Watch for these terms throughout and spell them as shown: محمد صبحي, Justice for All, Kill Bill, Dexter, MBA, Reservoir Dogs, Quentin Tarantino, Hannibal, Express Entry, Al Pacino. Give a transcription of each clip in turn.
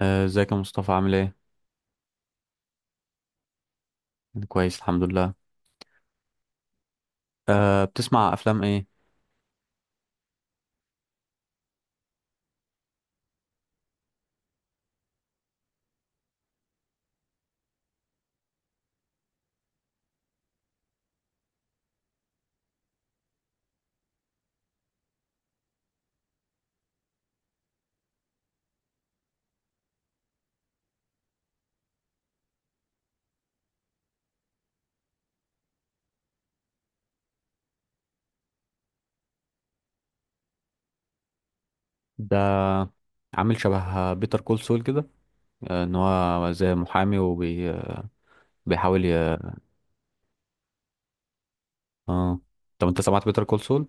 ازيك يا مصطفى، عامل ايه؟ كويس، الحمد لله. بتسمع افلام ايه؟ ده عامل شبه بيتر كول سول كده. ان هو زي محامي وبيحاول ي... اه. طب انت سمعت بيتر كول سول؟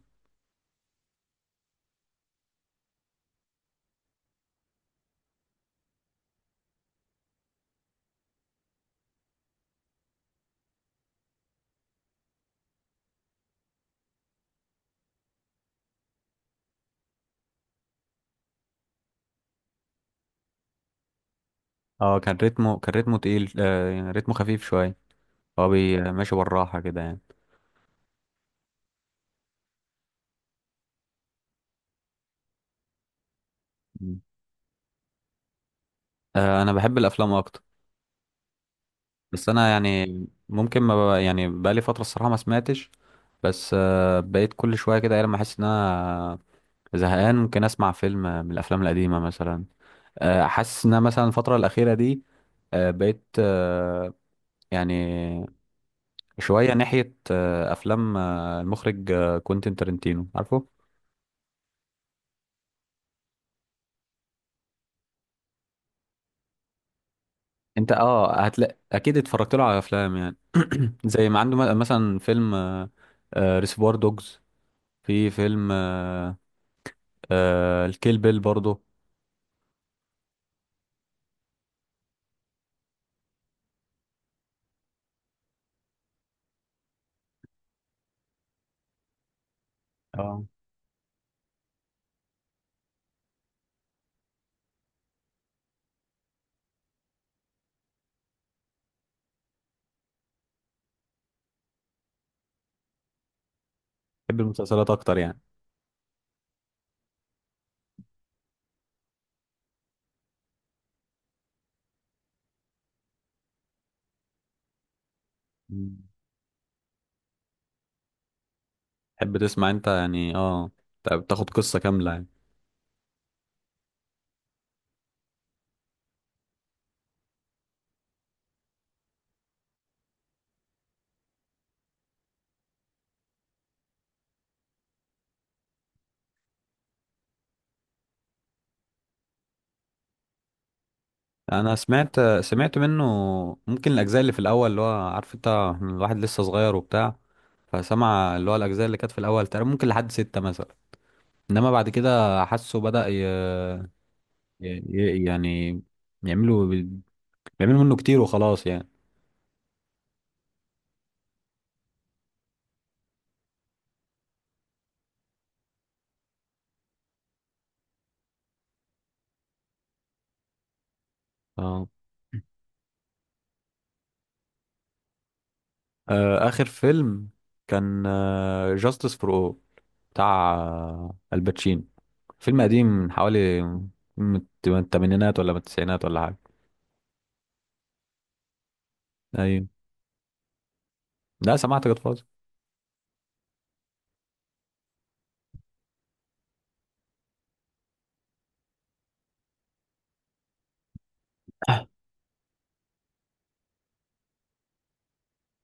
اه. كان رتمه تقيل، يعني رتمه خفيف شوية. هو ماشي بالراحة كده يعني. مم. انا بحب الافلام اكتر. بس انا يعني، ممكن ما ب... يعني بقالي فترة الصراحة ما سمعتش. بس بقيت كل شوية كده، ايه لما احس ان انا زهقان ممكن اسمع فيلم من الافلام القديمه مثلا. حاسس ان أنا مثلا الفتره الاخيره دي بقيت، يعني شويه ناحيه افلام المخرج كوينتين تارنتينو، عارفه؟ انت هتلاقي اكيد اتفرجت له على افلام يعني. زي ما عنده مثلا فيلم ريسيفوار دوجز، في فيلم، الكيل بيل برضه. اه، بحب المسلسلات اكتر يعني. مم. تحب تسمع انت يعني، اه، بتاخد قصه كامله يعني. انا سمعت منه، ممكن الاجزاء اللي في الاول، اللي هو عارف انت الواحد لسه صغير وبتاع. فسمع اللي هو الاجزاء اللي كانت في الاول تقريبا، ممكن لحد 6 مثلا. انما بعد كده حاسه بدأ يعني يعملوا بيعملوا منه كتير وخلاص يعني. اه. اخر فيلم كان جاستس فور او، بتاع الباتشينو. فيلم قديم من حوالي، من من الثمانينات ولا من التسعينات ولا حاجه. ايوه. لا، سمعت جاد.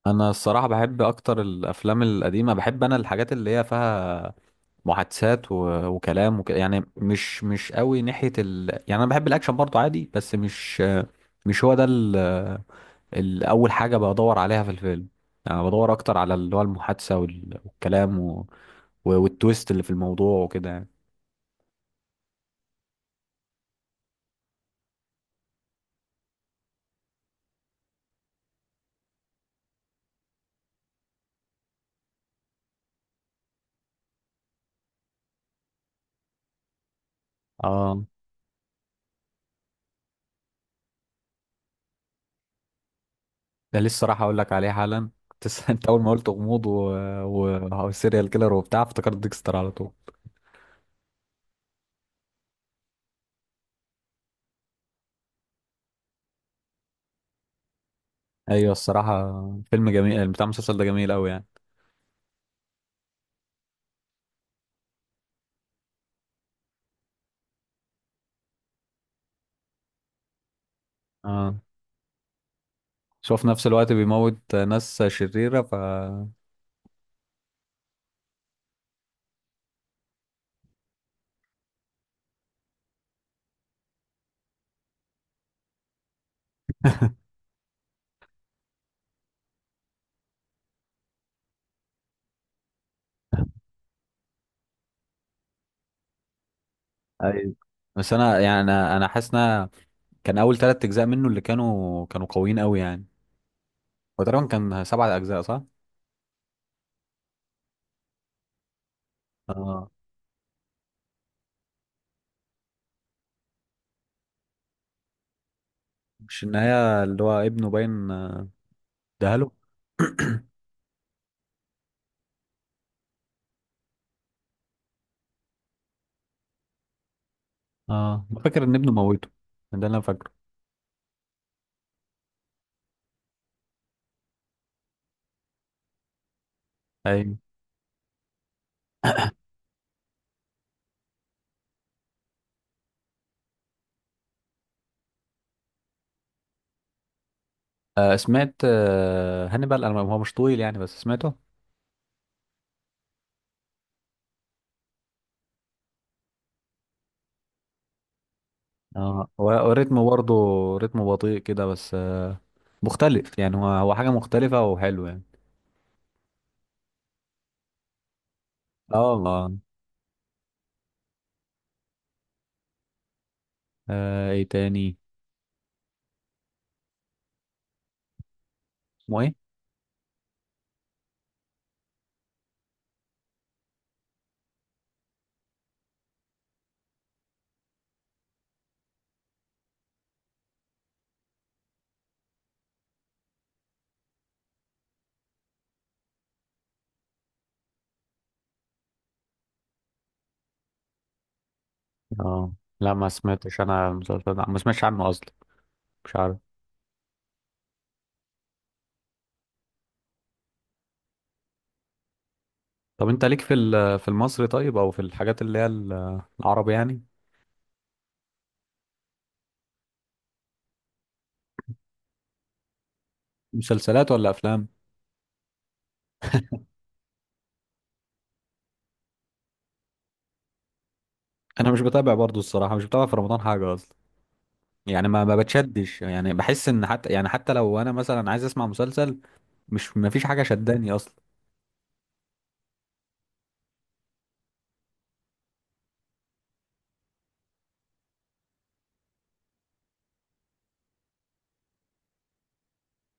انا الصراحه بحب اكتر الافلام القديمه، بحب انا الحاجات اللي هي فيها محادثات وكلام يعني، مش قوي ناحيه يعني انا بحب الاكشن برضو عادي، بس مش هو ده اول حاجه بدور عليها في الفيلم. يعني أنا بدور اكتر على اللي هو المحادثه والكلام والتويست اللي في الموضوع وكده يعني. اه. ده لسه راح اقول لك عليه حالا، كنت انت اول ما قلت غموض وسيريال كيلر وبتاع، افتكرت ديكستر على طول. ايوه الصراحه، فيلم جميل، بتاع المسلسل ده جميل قوي يعني. اه. شوف، في نفس الوقت بيموت ناس شريره. ايوه، بس انا يعني، انا حاسس ان كان اول 3 اجزاء منه اللي كانوا قويين قوي يعني. هو تقريبا كان 7 اجزاء، صح؟ اه. مش النهايه اللي هو ابنه باين دهله. اه، فاكر ان ابنه موته، ده اللي انا فاكره. ايوه. سمعت، هانيبال، انا هو مش طويل يعني بس سمعته. اه، هو رتمه برضه، رتمه بطيء كده، بس مختلف يعني، هو حاجة مختلفة وحلو يعني. اه، اه. ايه تاني؟ اسمه ايه؟ اه، لا، ما سمعتش انا المسلسل ده، ما سمعتش عنه اصلا، مش عارف. طب انت ليك في في المصري، طيب، او في الحاجات اللي هي العربي يعني؟ مسلسلات ولا افلام؟ انا مش بتابع برضه الصراحة، مش بتابع في رمضان حاجة اصلا. يعني ما بتشدش، يعني بحس ان، حتى يعني حتى لو انا مثلا عايز اسمع مسلسل، مش ما فيش حاجة شداني اصلا.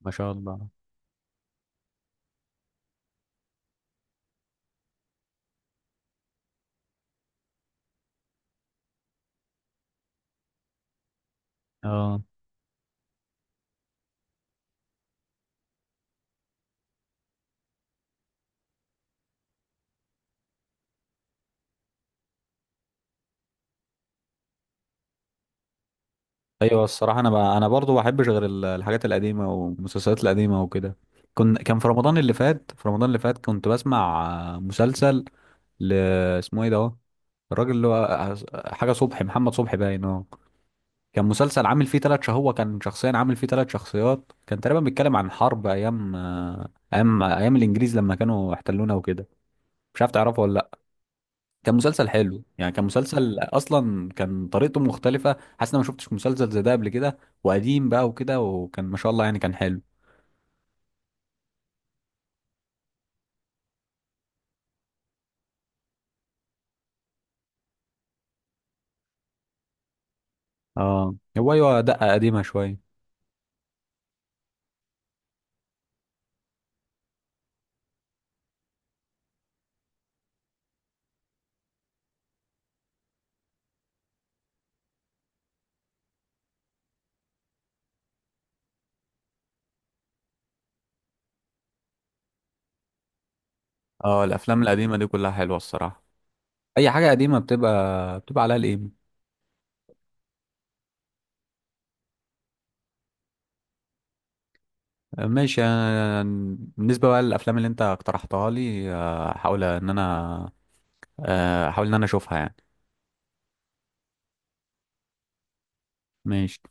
ما شاء الله. اه، ايوه الصراحه، انا انا برضو ما بحبش غير الحاجات القديمه والمسلسلات القديمه وكده. كان في رمضان اللي فات، كنت بسمع مسلسل، ل... اسمه ايه ده هو؟ الراجل اللي هو حاجه صبحي، محمد صبحي باين. اه. كان مسلسل عامل فيه 3 شهور، هو كان شخصيا عامل فيه 3 شخصيات. كان تقريبا بيتكلم عن حرب ايام، ايام الانجليز لما كانوا احتلونا وكده. مش عارف تعرفه ولا؟ كان مسلسل حلو يعني، كان مسلسل، اصلا كان طريقته مختلفه، حاسس ان انا ما شفتش مسلسل زي ده قبل كده. وقديم بقى وكده، وكان ما شاء الله يعني كان حلو. اه، هو ايوه دقه قديمه شويه. اه، الافلام القديمه دي كلها حلوه الصراحه. اي حاجه قديمه بتبقى عليها القيمه. ماشي. أنا بالنسبه بقى للافلام اللي انت اقترحتها لي، هحاول ان انا اشوفها يعني. ماشي